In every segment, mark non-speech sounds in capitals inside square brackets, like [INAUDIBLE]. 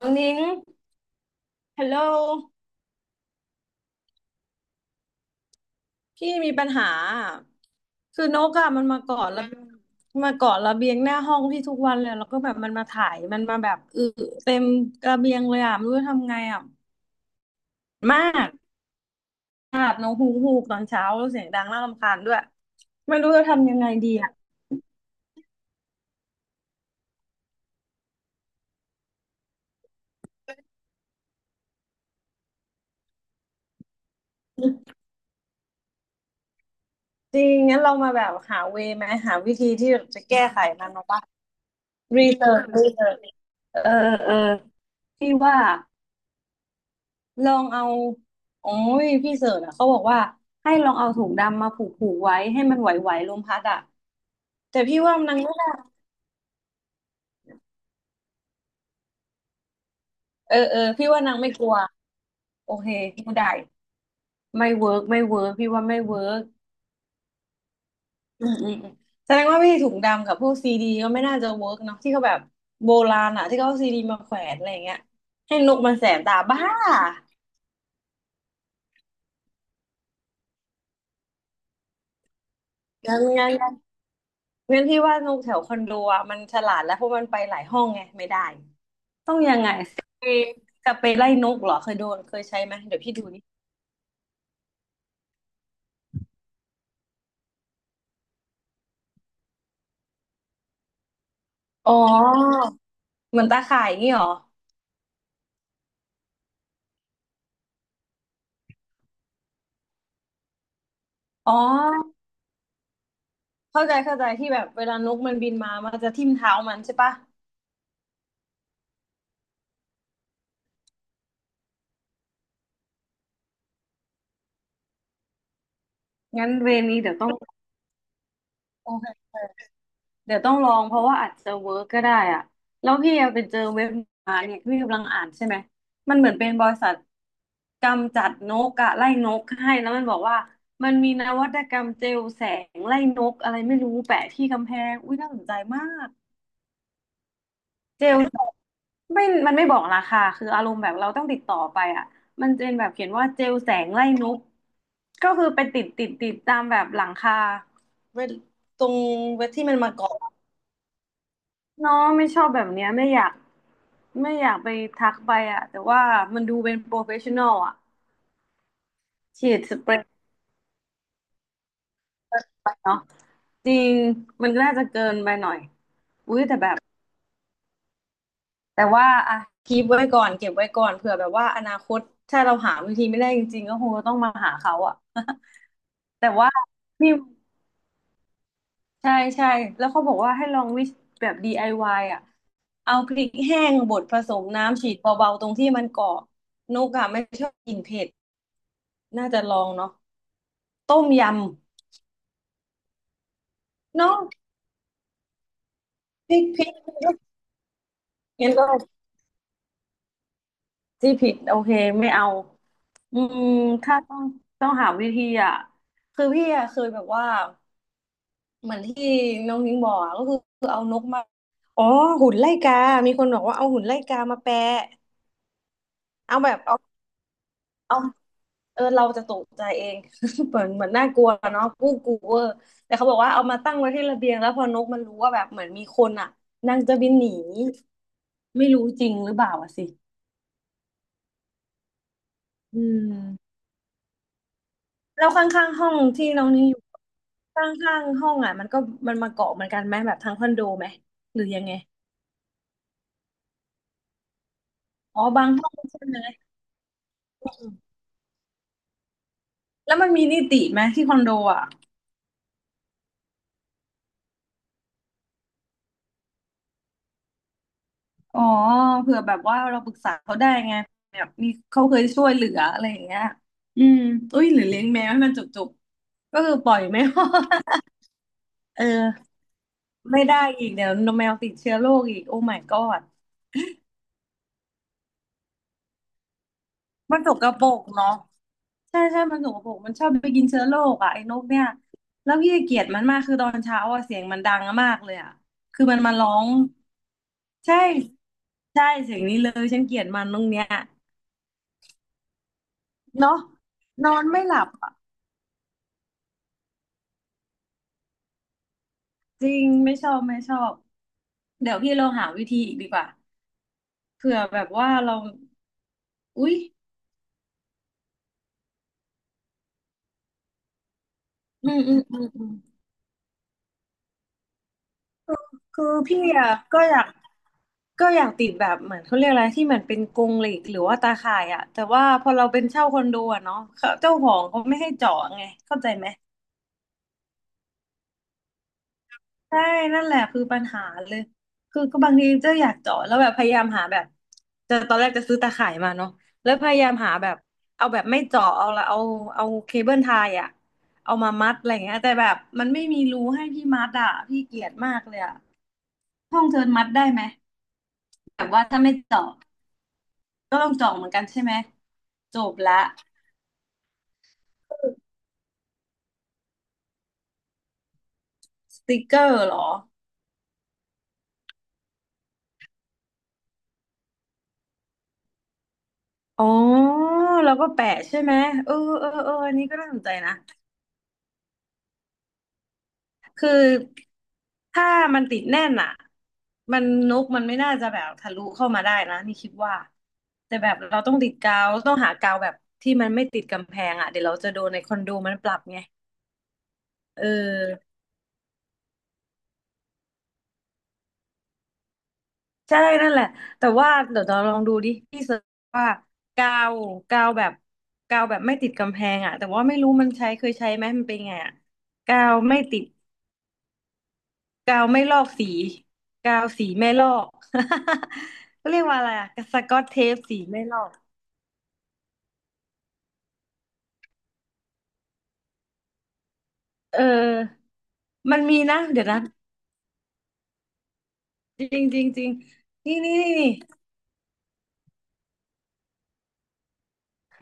น้องนิ้งฮัลโหลพี่มีปัญหาอะคือนกอะมันมาเกาะระมาเกาะระเบียงหน้าห้องพี่ทุกวันเลย แล้วก็แบบมันมาถ่าย มันมาแบบอึเต็มระเบียงเลยอะ ไม่รู้จะทำไงอะ มากอาบน้องฮูกฮูกตอนเช้าแล้วเสียงดังน่ารำคาญด้วย ไม่รู้จะทำยังไงดีอะ จริงงั้นเรามาแบบหาเวย์ไหมหาวิธีที่จะแก้ไขมันเนาะปะรีเสิร์ชเออพี่ว่า ลองเอาโอ้ยพี่เสิร์ชอ่ะเขาบอกว่าให้ลองเอาถุงดำมาผูกไว้ให้มันไหวๆลมพัดอ่ะแต่พี่ว่านางไม่ได้เออพี่ว่านางไม่กลัวโอเคไม่ได้ไม่เวิร์กพี่ว่าไม่เวิร์กอืมแสดงว่าพี่ถุงดำกับพวกซีดีก็ไม่น่าจะเวิร์กเนาะที่เขาแบบโบราณอ่ะที่เขาเอาซีดีมาแขวนอะไรอย่างเงี้ยให้นกมันแสบตาบ้ายังงั้นพี่ว่านกแถวคอนโดอ่ะมันฉลาดแล้วเพราะมันไปหลายห้องไงไม่ได้ ต้องยังไงสเปรย์สเปรย์ไล่นกเหรอเคยโดนเคยใช้ไหมเดี๋ยวพี่ดูนี่อ๋อเหมือนตาข่ายอย่างงี้เหรออ๋อเข้าใจที่แบบเวลานกมันบินมามันจะทิ่มเท้ามันใช่ปะงั้นเวรนี้เดี๋ยวต้องโอเคเดี๋ยวต้องลองเพราะว่าอาจจะเวิร์กก็ได้อ่ะแล้วพี่อะไปเจอเว็บมาเนี่ยพี่กำลังอ่านใช่ไหมมันเหมือนเป็นบริษัทกำจัดนกอะไล่นกให้แล้วมันบอกว่ามันมีนวัตกรรมเจลแสงไล่นกอะไรไม่รู้แปะที่กำแพงอุ้ยน่าสนใจมาก เจลไม่มันไม่บอกราคาคืออารมณ์แบบเราต้องติดต่อไปอ่ะมันจะเป็นแบบเขียนว่าเจลแสงไล่นกก็คือไปติดตามแบบหลังคาเวทตรงเวทที่มันมาเกาะเนาะไม่ชอบแบบเนี้ยไม่อยากไม่อยากทักไปอ่ะแต่ว่ามันดูเป็นโปรเฟชชั่นอลอ่ะฉีดสเปรย์เนาะจริงมันน่าจะเกินไปหน่อยอุ้ยแต่แบบ แต่ว่าอ่ะคีปไว้ก่อนเก็บไว้ก่อนเผื่อแบบว่าอนาคตถ้าเราหาวิธีไม่ได้จริงๆก็คงจะต้องมาหาเขาอะ [LAUGHS] แต่ว่าพี่ใช่แล้วเขาบอกว่าให้ลองวิแบบ DIY อวายอะเอาพริกแห้งบดผสมน้ำฉีดเบาๆตรงที่มันเกาะนกอะไม่ชอบกินเผ็ดน่าจะลองเนาะต้มยำเนาะพริกงั้นก็ที่ผิดโอเคไม่เอาอืมถ้าต้องหาวิธีอะคือพี่อะเคยแบบว่า เหมือนที่น้องนิ้งบอกอะก็คือเอานกมาอ๋อหุ่นไล่กามีคนบอกว่าเอาหุ่นไล่กามาแปะเอาแบบเอาเอาเออเราจะตกใจเอง [LAUGHS] เหมือนน่ากลัวเนาะกู้กลัวแต่เขาบอกว่าเอามาตั้งไว้ที่ระเบียงแล้วพอนกมันรู้ว่าแบบเหมือนมีคนอ่ะนางจะบินหนีไม่รู้จริงหรือเปล่าอะสิอืมแล้วข้างๆห้องที่น้องนิ้งอยู่ข้างๆห้องอ่ะมันก็มันมาเกาะเหมือนกันไหมแบบทั้งคอนโดไหมหรือยังไงอ๋อบางห้องใช่ไหม แล้วมันมีนิติไหมที่คอนโดอ่ะอ๋อเผื่อแบบว่าเราปรึกษาเขาได้ไงแบบมีเขาเคยช่วยเหลืออะไรอย่างเงี้ยอืมอุ้ยหรือเลี้ยงแมวให้มันจุกๆก็คือปล่อยไม่รอด [LAUGHS] เออไม่ได้อีกเดี๋ยวแมวติดเชื้อโรคอีกโอ้ my god มันสกปรกเนาะใช่มันสกปรกมันชอบไปกินเชื้อโรคอ่ะไอ้นกเนี่ยแล้วพี่เกลียดมันมากคือตอนเช้าอ่ะเสียงมันดังมากเลยอ่ะคือมันมาร้องใช่ใช่เสียงนี้เลยฉันเกลียดมันตรงเนี้ยเนาะนอนไม่หลับอ่ะจริงไม่ชอบเดี๋ยวพี่เราหาวิธีอีกดีกว่าเผื่อแบบว่าเราอุ๊ยอืม คือพี่อะก็อยากก็อยากติดแบบเหมือนเขาเรียกอะไรที่เหมือนเป็นกรงเหล็กหรือว่าตาข่ายอะแต่ว่าพอเราเป็นเช่าคอนโดอะเนาะเขาเจ้าของเขาไม่ให้เจาะไงเข้าใจไหมใช่นั่นแหละคือปัญหาเลยคือก็บางทีเจ้าอยากเจาะแล้วแบบพยายามหาแบบจะตอนแรกจะซื้อตาข่ายมาเนาะแล้วพยายามหาแบบเอาแบบไม่เจาะเอาเคเบิลไทยอะเอามามัดอะไรเงี้ยแต่แบบมันไม่มีรูให้พี่มัดอะพี่เกลียดมากเลยอะห้องเธอมัดได้ไหมแบบว่าถ้าไม่เจาะ ก็ลองจองเหมือนกันใช่ไหมจบละสติกเกอร์เหรออ๋อแล้วก็แปะใช่ไหมเออเออเอออันนี้ก็น่าสนใจนะคือถ้ามันติดแน่นอ่ะมันนกมันไม่น่าจะแบบทะลุเข้ามาได้นะนี่คิดว่าแต่แบบเราต้องติดกาวต้องหากาวแบบที่มันไม่ติดกำแพงอ่ะเดี๋ยวเราจะโดนในคอนโดมันปรับไงเออ ใช่นั่นแหละแต่ว่าเดี๋ยวเราลองดูดิพี่เสิร์ชว่ากาวกาวแบบกาวแบบไม่ติดกำแพงอ่ะแต่ว่าไม่รู้มันใช้เคยใช้ไหมมันเป็นไงอ่ะกาวไม่ติดกาวไม่ลอกสีกาวสีไม่ลอก [LAUGHS] เขาเรียกว่าอะไรอะสกอตเทปสีไม่ลอกเออมันมีนะเดี๋ยวนะจริงจริงจริงนี่นี่นี่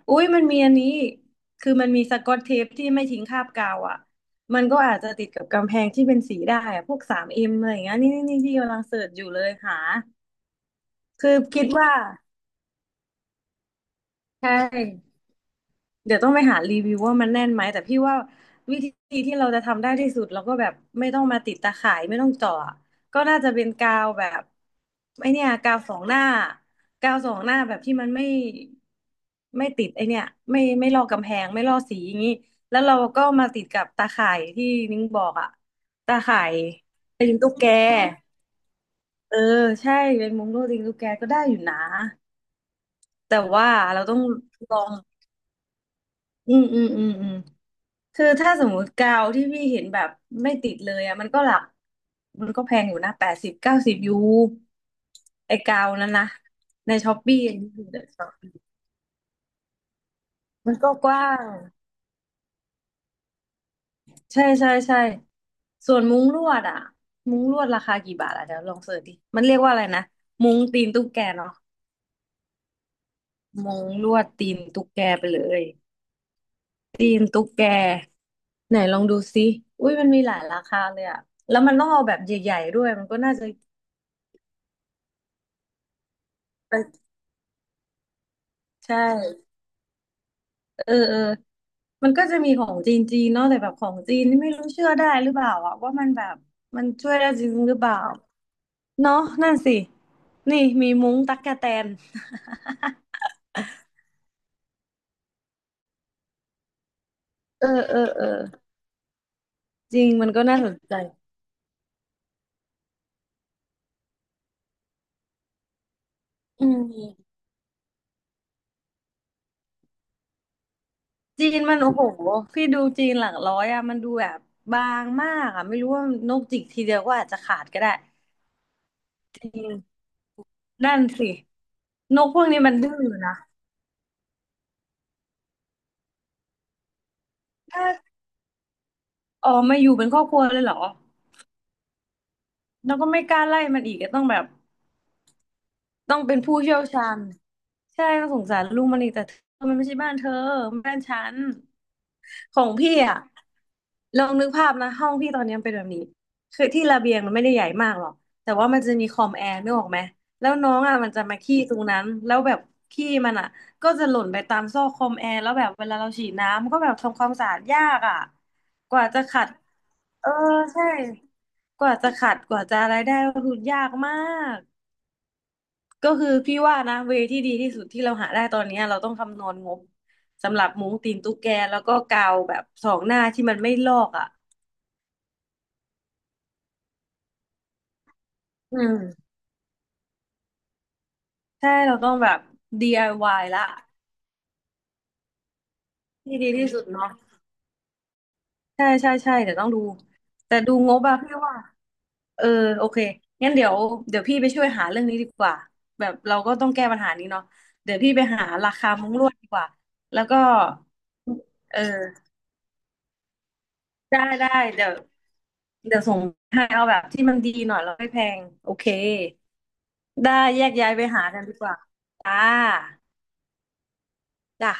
อุ้ยมันมีอันนี้ คือมันมีสกอตเทปที่ไม่ทิ้งคราบกาวอ่ะ มันก็อาจจะติดกับกำแพงที่เป็นสีได้อะพวกสามเอ็มอะไรอย่างเงี้ยนี่นี่นี่ที่กำลังเสิร์ชอยู่เลยหาคือคิดว่าใช่ เดี๋ยวต้องไปหารีวิวว่ามันแน่นไหมแต่พี่ว่าวิธีที่เราจะทำได้ที่สุดเราก็แบบไม่ต้องมาติดตาข่ายไม่ต้องเจาะก็น่าจะเป็นกาวแบบไอเนี่ยกาวสองหน้ากาวสองหน้าแบบที่มันไม่ไม่ติดไอเนี่ยไม่ลอกกำแพงไม่ลอกสีอย่างนี้แล้วเราก็มาติดกับตาข่ายที่นิ้งบอกอะตาข่ายตีนตุ๊กแกเออใช่เป็นมุ้งลวดตีนตุ๊กแกก็ได้อยู่นะแต่ว่าเราต้องลอง อืมอืมอืมอืม คือถ้าสมมติกาวที่พี่เห็นแบบไม่ติดเลยอะมันก็หลักมันก็แพงอยู่นะแปดสิบเก้าสิบยูไอ้กาวนั้นนะในช้อปปี้อันนี้คือเดอะช็อปมันก็กว้างใช่ใช่ใช่ส่วนมุ้งลวดอะมุ้งลวดราคากี่บาทอะเดี๋ยวลองเสิร์ชดิมันเรียกว่าอะไรนะมุ้งตีนตุ๊กแกเนาะมุ้งลวดตีนตุ๊กแกไปเลย ตีนตุ๊กแกไหนลองดูซิอุ้ยมันมีหลายราคาเลยอะแล้วมันต้องเอาแบบใหญ่ๆด้วยมันก็น่าจะไปใช่เออเออมันก็จะมีของจีนเนาะแต่แบบของจีนนี่ไม่รู้เชื่อได้หรือเปล่าอะว่ามันแบบมันช่วยได้จริงหรือเปล่าเนาะนั่นสินี่มีมุ้งตั๊กแตนเออเออเออจริงมันก็น่าสนใจอืมจีนมันโอ้โหพี่ดูจีนหลักร้อยอะมันดูแบบบางมากอะไม่รู้ว่านกจิกทีเดียวก็อาจจะขาดก็ได้จริง นั่นสินกพวกนี้มันดื้อนะถ้าออกมาอยู่เป็นครอบครัวเลยเหรอแล้วก็ไม่กล้าไล่มันอีกก็ต้องแบบต้องเป็นผู้เชี่ยวชาญใช่ต้องสงสารลูกมันอีกแต่เธอมันไม่ใช่บ้านเธอมันบ้านฉัน ของพี่อ่ะลองนึกภาพนะห้องพี่ตอนนี้มันเป็นแบบนี้คือที่ระเบียงมันไม่ได้ใหญ่มากหรอกแต่ว่ามันจะมีคอมแอร์นึกออกไหมแล้วน้องอ่ะมันจะมาขี้ตรงนั้นแล้วแบบขี้มันอ่ะก็จะหล่นไปตามซอกคอมแอร์แล้วแบบเวลาเราฉีดน้ำมันก็แบบทำความสะอาดยากอ่ะกว่าจะขัดเออใช่กว่าจะขัดกว่าจะอะไรได้ก็คือยากมาก ก็คือพี่ว่านะเวที่ดีที่สุดที่เราหาได้ตอนเนี้ยเราต้องคำนวณงบสำหรับมุ้งตีนตุ๊กแกแล้วก็กาวแบบสองหน้าที่มันไม่ลอกอ่ะอืมใช่เราต้องแบบ DIY ละที่ดีที่สุดเนาะใช่ใช่ใช่เดี๋ยวต้องดูแต่ดูงบอะพี่ว่าเออโอเคงั้นเดี๋ยวพี่ไปช่วยหาเรื่องนี้ดีกว่าแบบเราก็ต้องแก้ปัญหานี้เนาะเดี๋ยวพี่ไปหาราคามุ้งลวดดีกว่าแล้วก็เออได้ได้เดี๋ยว เดี๋ยวส่งให้เอาแบบที่มันดีหน่อยแล้วไม่แพงโอเคได้แยกย้ายไปหากันดีกว่าจ้าจ้ะ